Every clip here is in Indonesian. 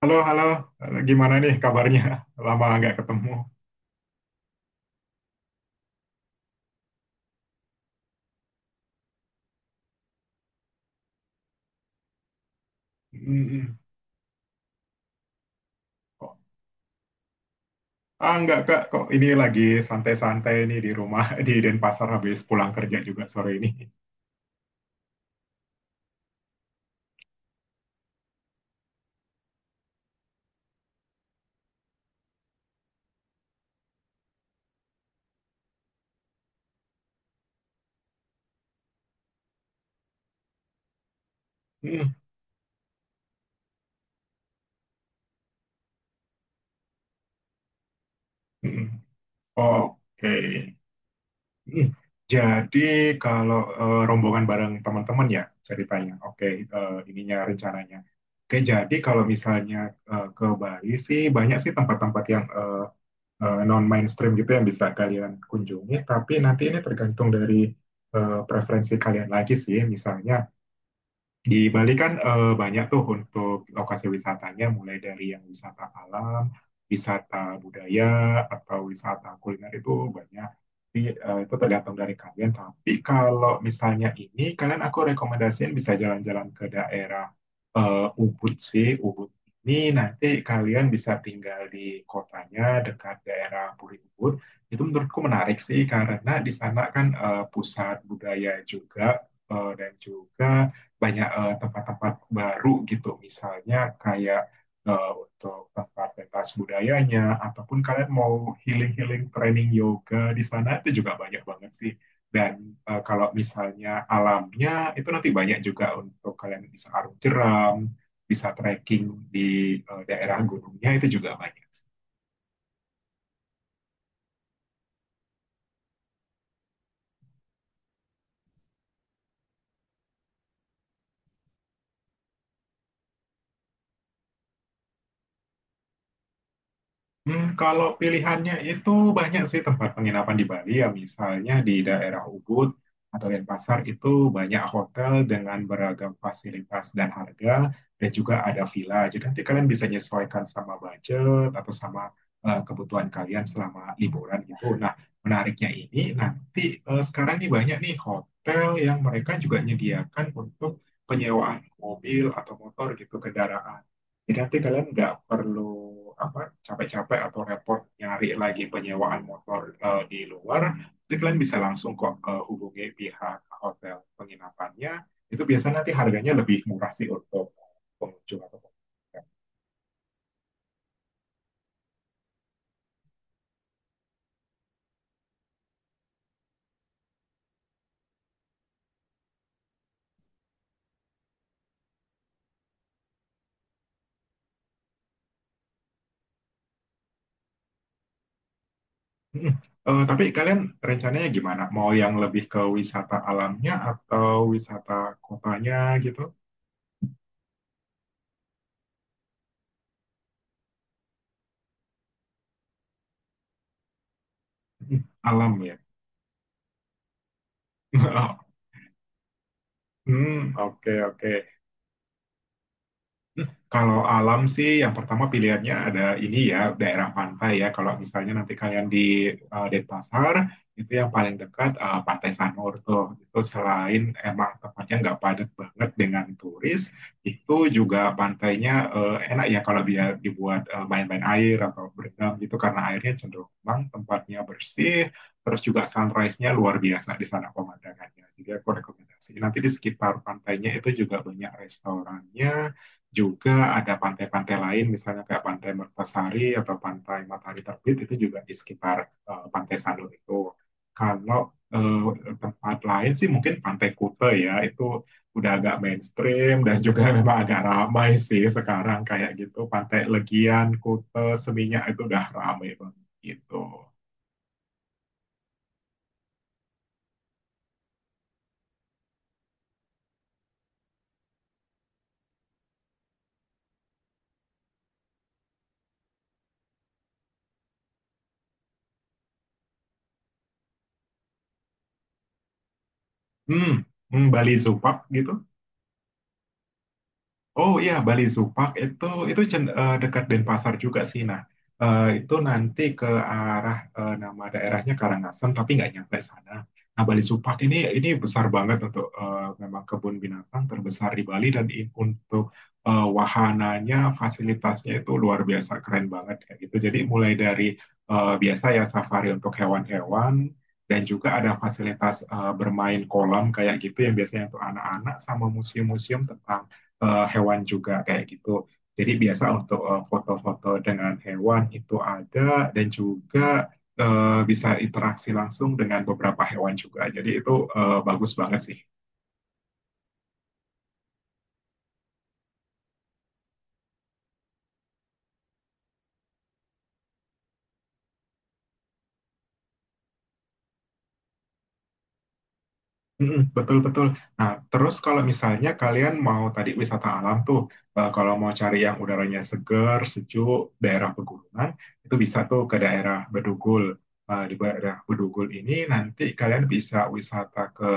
Halo, halo. Gimana nih kabarnya? Lama nggak ketemu. Mm-mm. Kok- Ah, nggak, Kak. Kok ini lagi santai-santai nih di rumah di Denpasar habis pulang kerja juga sore ini. Mm, mm-mm. Oke. Mm. Jadi kalau rombongan bareng teman-teman ya ceritanya. Oke, ininya rencananya. Oke, jadi kalau misalnya ke Bali sih banyak sih tempat-tempat yang non mainstream gitu yang bisa kalian kunjungi. Tapi nanti ini tergantung dari preferensi kalian lagi sih. Misalnya di Bali kan banyak tuh untuk lokasi wisatanya, mulai dari yang wisata alam, wisata budaya, atau wisata kuliner itu banyak. Jadi, itu tergantung dari kalian. Tapi kalau misalnya ini, kalian aku rekomendasiin bisa jalan-jalan ke daerah Ubud sih. Ubud ini nanti kalian bisa tinggal di kotanya dekat daerah Puri Ubud. Itu menurutku menarik sih karena di sana kan pusat budaya juga dan juga banyak tempat-tempat baru gitu, misalnya kayak untuk tempat pentas budayanya, ataupun kalian mau healing-healing training yoga di sana itu juga banyak banget sih. Dan kalau misalnya alamnya itu nanti banyak juga untuk kalian bisa arung jeram, bisa trekking di daerah gunungnya itu juga banyak. Hmm, kalau pilihannya itu banyak sih tempat penginapan di Bali ya misalnya di daerah Ubud atau Denpasar itu banyak hotel dengan beragam fasilitas dan harga dan juga ada villa. Jadi nanti kalian bisa menyesuaikan sama budget atau sama kebutuhan kalian selama liburan gitu. Nah, menariknya ini nanti sekarang nih banyak nih hotel yang mereka juga menyediakan untuk penyewaan mobil atau motor gitu kendaraan. Jadi nanti kalian nggak perlu apa capek-capek atau repot nyari lagi penyewaan motor di luar. Jadi kalian bisa langsung kok hubungi pihak hotel penginapannya. Itu biasanya nanti harganya lebih murah sih untuk pengunjung atau pengunjung. Mm. Tapi kalian rencananya gimana? Mau yang lebih ke wisata alamnya atau wisata kotanya gitu? Mm, alam ya. Hmm, oke oke. Hmm, kalau alam sih yang pertama pilihannya ada ini ya daerah pantai ya. Kalau misalnya nanti kalian di Denpasar itu yang paling dekat Pantai Sanur tuh. Itu selain emang tempatnya nggak padat banget dengan turis, itu juga pantainya enak ya kalau dia dibuat main-main air atau berenang gitu karena airnya cenderung tenang, tempatnya bersih, terus juga sunrise-nya luar biasa di sana pemandangannya. Jadi aku rekomendasi. Nanti di sekitar pantainya itu juga banyak restorannya juga ada pantai-pantai lain, misalnya kayak Pantai Mertasari atau Pantai Matahari Terbit itu juga di sekitar Pantai Sanur itu. Kalau tempat lain sih mungkin Pantai Kuta ya, itu udah agak mainstream dan juga memang agak ramai sih sekarang kayak gitu. Pantai Legian, Kuta, Seminyak itu udah ramai banget gitu. Hmm, hmm, Bali Zupak gitu. Oh iya, Bali Zupak itu dekat Denpasar juga sih. Nah, itu nanti ke arah nama daerahnya Karangasem, tapi nggak nyampe sana. Nah, Bali Zupak ini besar banget untuk memang kebun binatang terbesar di Bali dan untuk wahananya, fasilitasnya itu luar biasa keren banget kayak gitu. Jadi mulai dari biasa ya safari untuk hewan-hewan dan juga ada fasilitas bermain kolam kayak gitu yang biasanya untuk anak-anak sama museum-museum tentang hewan juga kayak gitu. Jadi biasa untuk foto-foto dengan hewan itu ada dan juga bisa interaksi langsung dengan beberapa hewan juga. Jadi itu bagus banget sih. Mm, betul, betul. Nah, terus kalau misalnya kalian mau tadi wisata alam tuh, kalau mau cari yang udaranya seger, sejuk, daerah pegunungan, itu bisa tuh ke daerah Bedugul. Di daerah Bedugul ini nanti kalian bisa wisata ke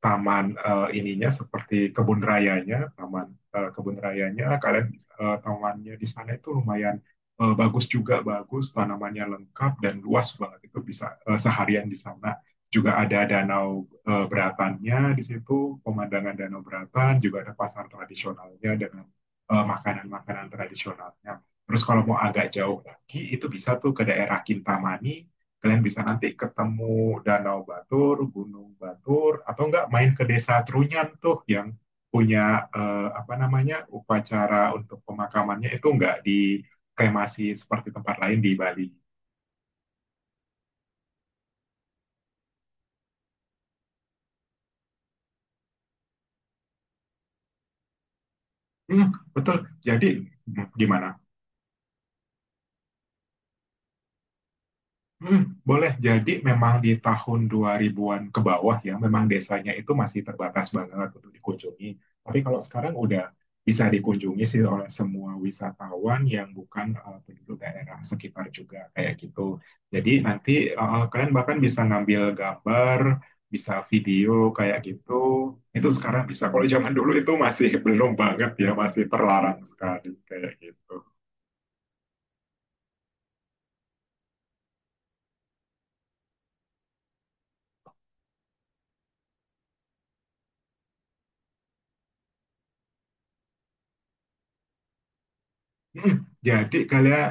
taman ininya seperti kebun rayanya, taman kebun rayanya, kalian bisa, tamannya di sana itu lumayan bagus juga, bagus, tanamannya lengkap dan luas banget. Itu bisa seharian di sana juga ada danau beratannya di situ, pemandangan danau beratan, juga ada pasar tradisionalnya dengan makanan-makanan tradisionalnya. Terus kalau mau agak jauh lagi, itu bisa tuh ke daerah Kintamani, kalian bisa nanti ketemu Danau Batur, Gunung Batur, atau enggak main ke Desa Trunyan tuh yang punya apa namanya upacara untuk pemakamannya itu enggak dikremasi seperti tempat lain di Bali. Hmm, betul. Jadi hmm, gimana. Mhm, boleh. Jadi memang di tahun 2000-an ke bawah ya, memang desanya itu masih terbatas banget untuk dikunjungi. Tapi kalau sekarang udah bisa dikunjungi sih oleh semua wisatawan yang bukan penduduk daerah sekitar juga kayak gitu. Jadi nanti kalian bahkan bisa ngambil gambar, bisa video kayak gitu. Itu sekarang bisa. Kalau zaman dulu itu masih belum banget ya, masih terlarang sekali kayak gitu. Mhm, jadi kalian.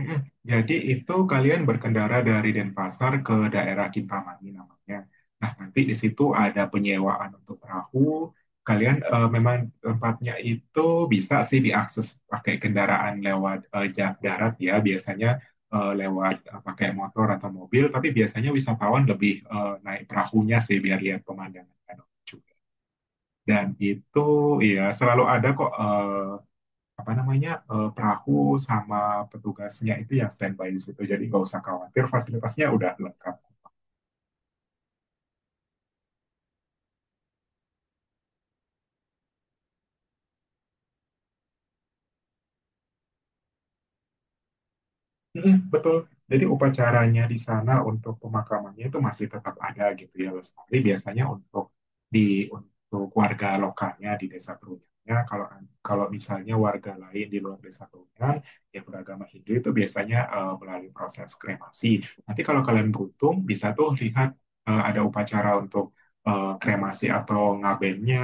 Mm-mm. Jadi itu kalian berkendara dari Denpasar ke daerah Kintamani namanya. Nah, nanti di situ ada penyewaan untuk perahu. Kalian memang tempatnya itu bisa sih diakses pakai kendaraan lewat jalan darat ya, biasanya pakai motor atau mobil, tapi biasanya wisatawan lebih naik perahunya sih biar lihat pemandangan danau juga. Dan itu ya selalu ada kok apa namanya perahu sama petugasnya itu yang standby di situ jadi nggak usah khawatir fasilitasnya udah lengkap. Mm-mm, betul. Jadi upacaranya di sana untuk pemakamannya itu masih tetap ada gitu ya lestari biasanya untuk di untuk warga lokalnya di desa Trunyannya. Kalau kalau misalnya warga lain di luar desa Trunyan yang beragama Hindu itu biasanya melalui proses kremasi. Nanti kalau kalian beruntung bisa tuh lihat ada upacara untuk kremasi atau ngabennya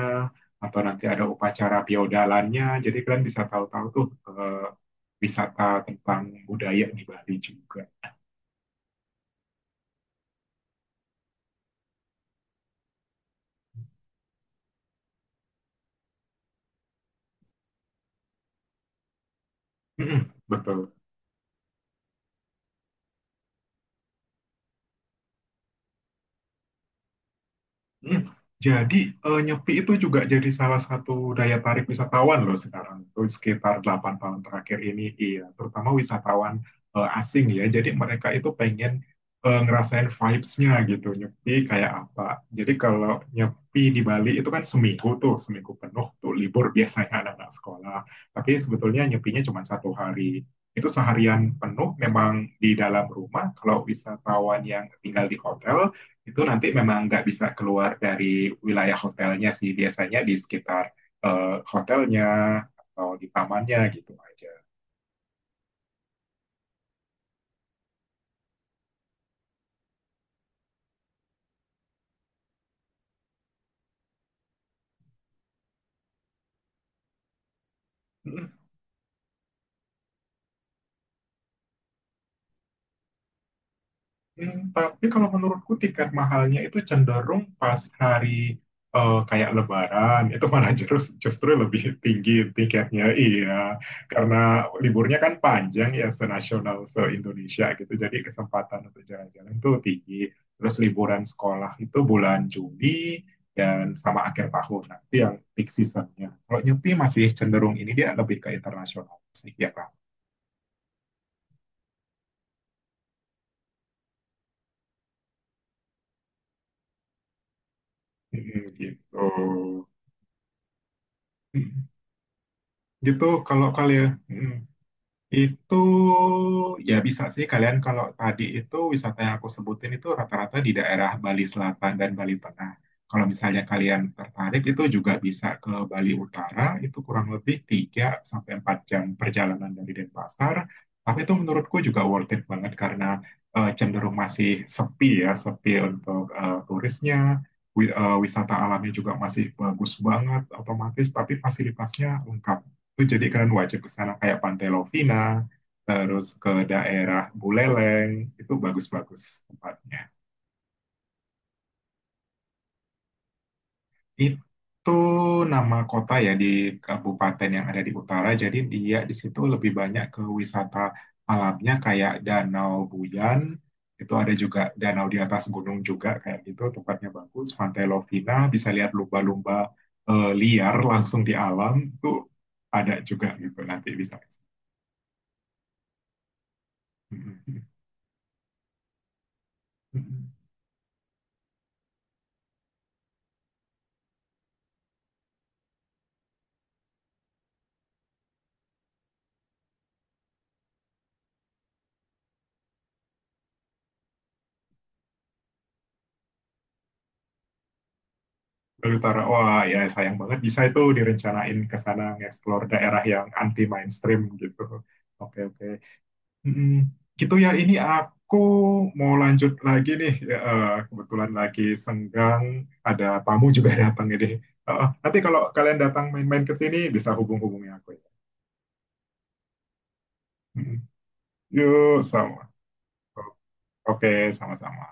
atau nanti ada upacara biodalannya. Jadi kalian bisa tahu-tahu tuh wisata tentang budaya di Bali juga. Betul. Hmm. Jadi Nyepi itu juga jadi salah satu daya tarik wisatawan loh sekarang. Itu sekitar 8 tahun terakhir ini, iya, terutama wisatawan asing ya. Jadi mereka itu pengen ngerasain vibes-nya gitu, Nyepi kayak apa. Jadi kalau Nyepi di Bali itu kan seminggu tuh, seminggu penuh tuh libur biasanya anak-anak sekolah. Tapi sebetulnya Nyepinya cuma satu hari. Itu seharian penuh memang di dalam rumah. Kalau wisatawan yang tinggal di hotel, itu nanti memang nggak bisa keluar dari wilayah hotelnya sih biasanya di sekitar hotelnya atau di tamannya gitu aja. Hmm. Hmm, tapi kalau menurutku tiket mahalnya itu cenderung pas hari kayak Lebaran itu malah justru justru lebih tinggi tiketnya iya karena liburnya kan panjang ya senasional se Indonesia gitu jadi kesempatan untuk jalan-jalan itu tinggi terus liburan sekolah itu bulan Juli dan sama akhir tahun nanti yang peak seasonnya kalau nyepi masih cenderung ini dia lebih ke internasional sih ya kan. Mm, gitu. Mm. Gitu kalau kalian. Itu ya bisa sih kalian kalau tadi itu wisata yang aku sebutin itu rata-rata di daerah Bali Selatan dan Bali Tengah. Kalau misalnya kalian tertarik itu juga bisa ke Bali Utara, itu kurang lebih 3 sampai 4 jam perjalanan dari Denpasar. Tapi itu menurutku juga worth it banget karena cenderung masih sepi ya, sepi untuk turisnya. Wisata alamnya juga masih bagus banget otomatis, tapi fasilitasnya lengkap itu jadi kalian wajib ke sana kayak Pantai Lovina, terus ke daerah Buleleng, itu bagus-bagus tempatnya. Itu nama kota ya di kabupaten yang ada di utara, jadi dia di situ lebih banyak ke wisata alamnya kayak Danau Buyan, itu ada juga danau di atas gunung juga kayak gitu, tempatnya bagus. Pantai Lovina bisa lihat lumba-lumba liar langsung di alam, itu ada juga gitu nanti bisa. Bali Utara. Wah, ya sayang banget bisa itu direncanain ke sana nge-explore daerah yang anti mainstream gitu. Oke, oke. Mm, gitu ya ini aku mau lanjut lagi nih. Ya, kebetulan lagi senggang, ada tamu juga datang ini. Eh, nanti kalau kalian datang main-main ke sini bisa hubung-hubungi aku ya. Mm, yuk, sama. Oke, sama-sama.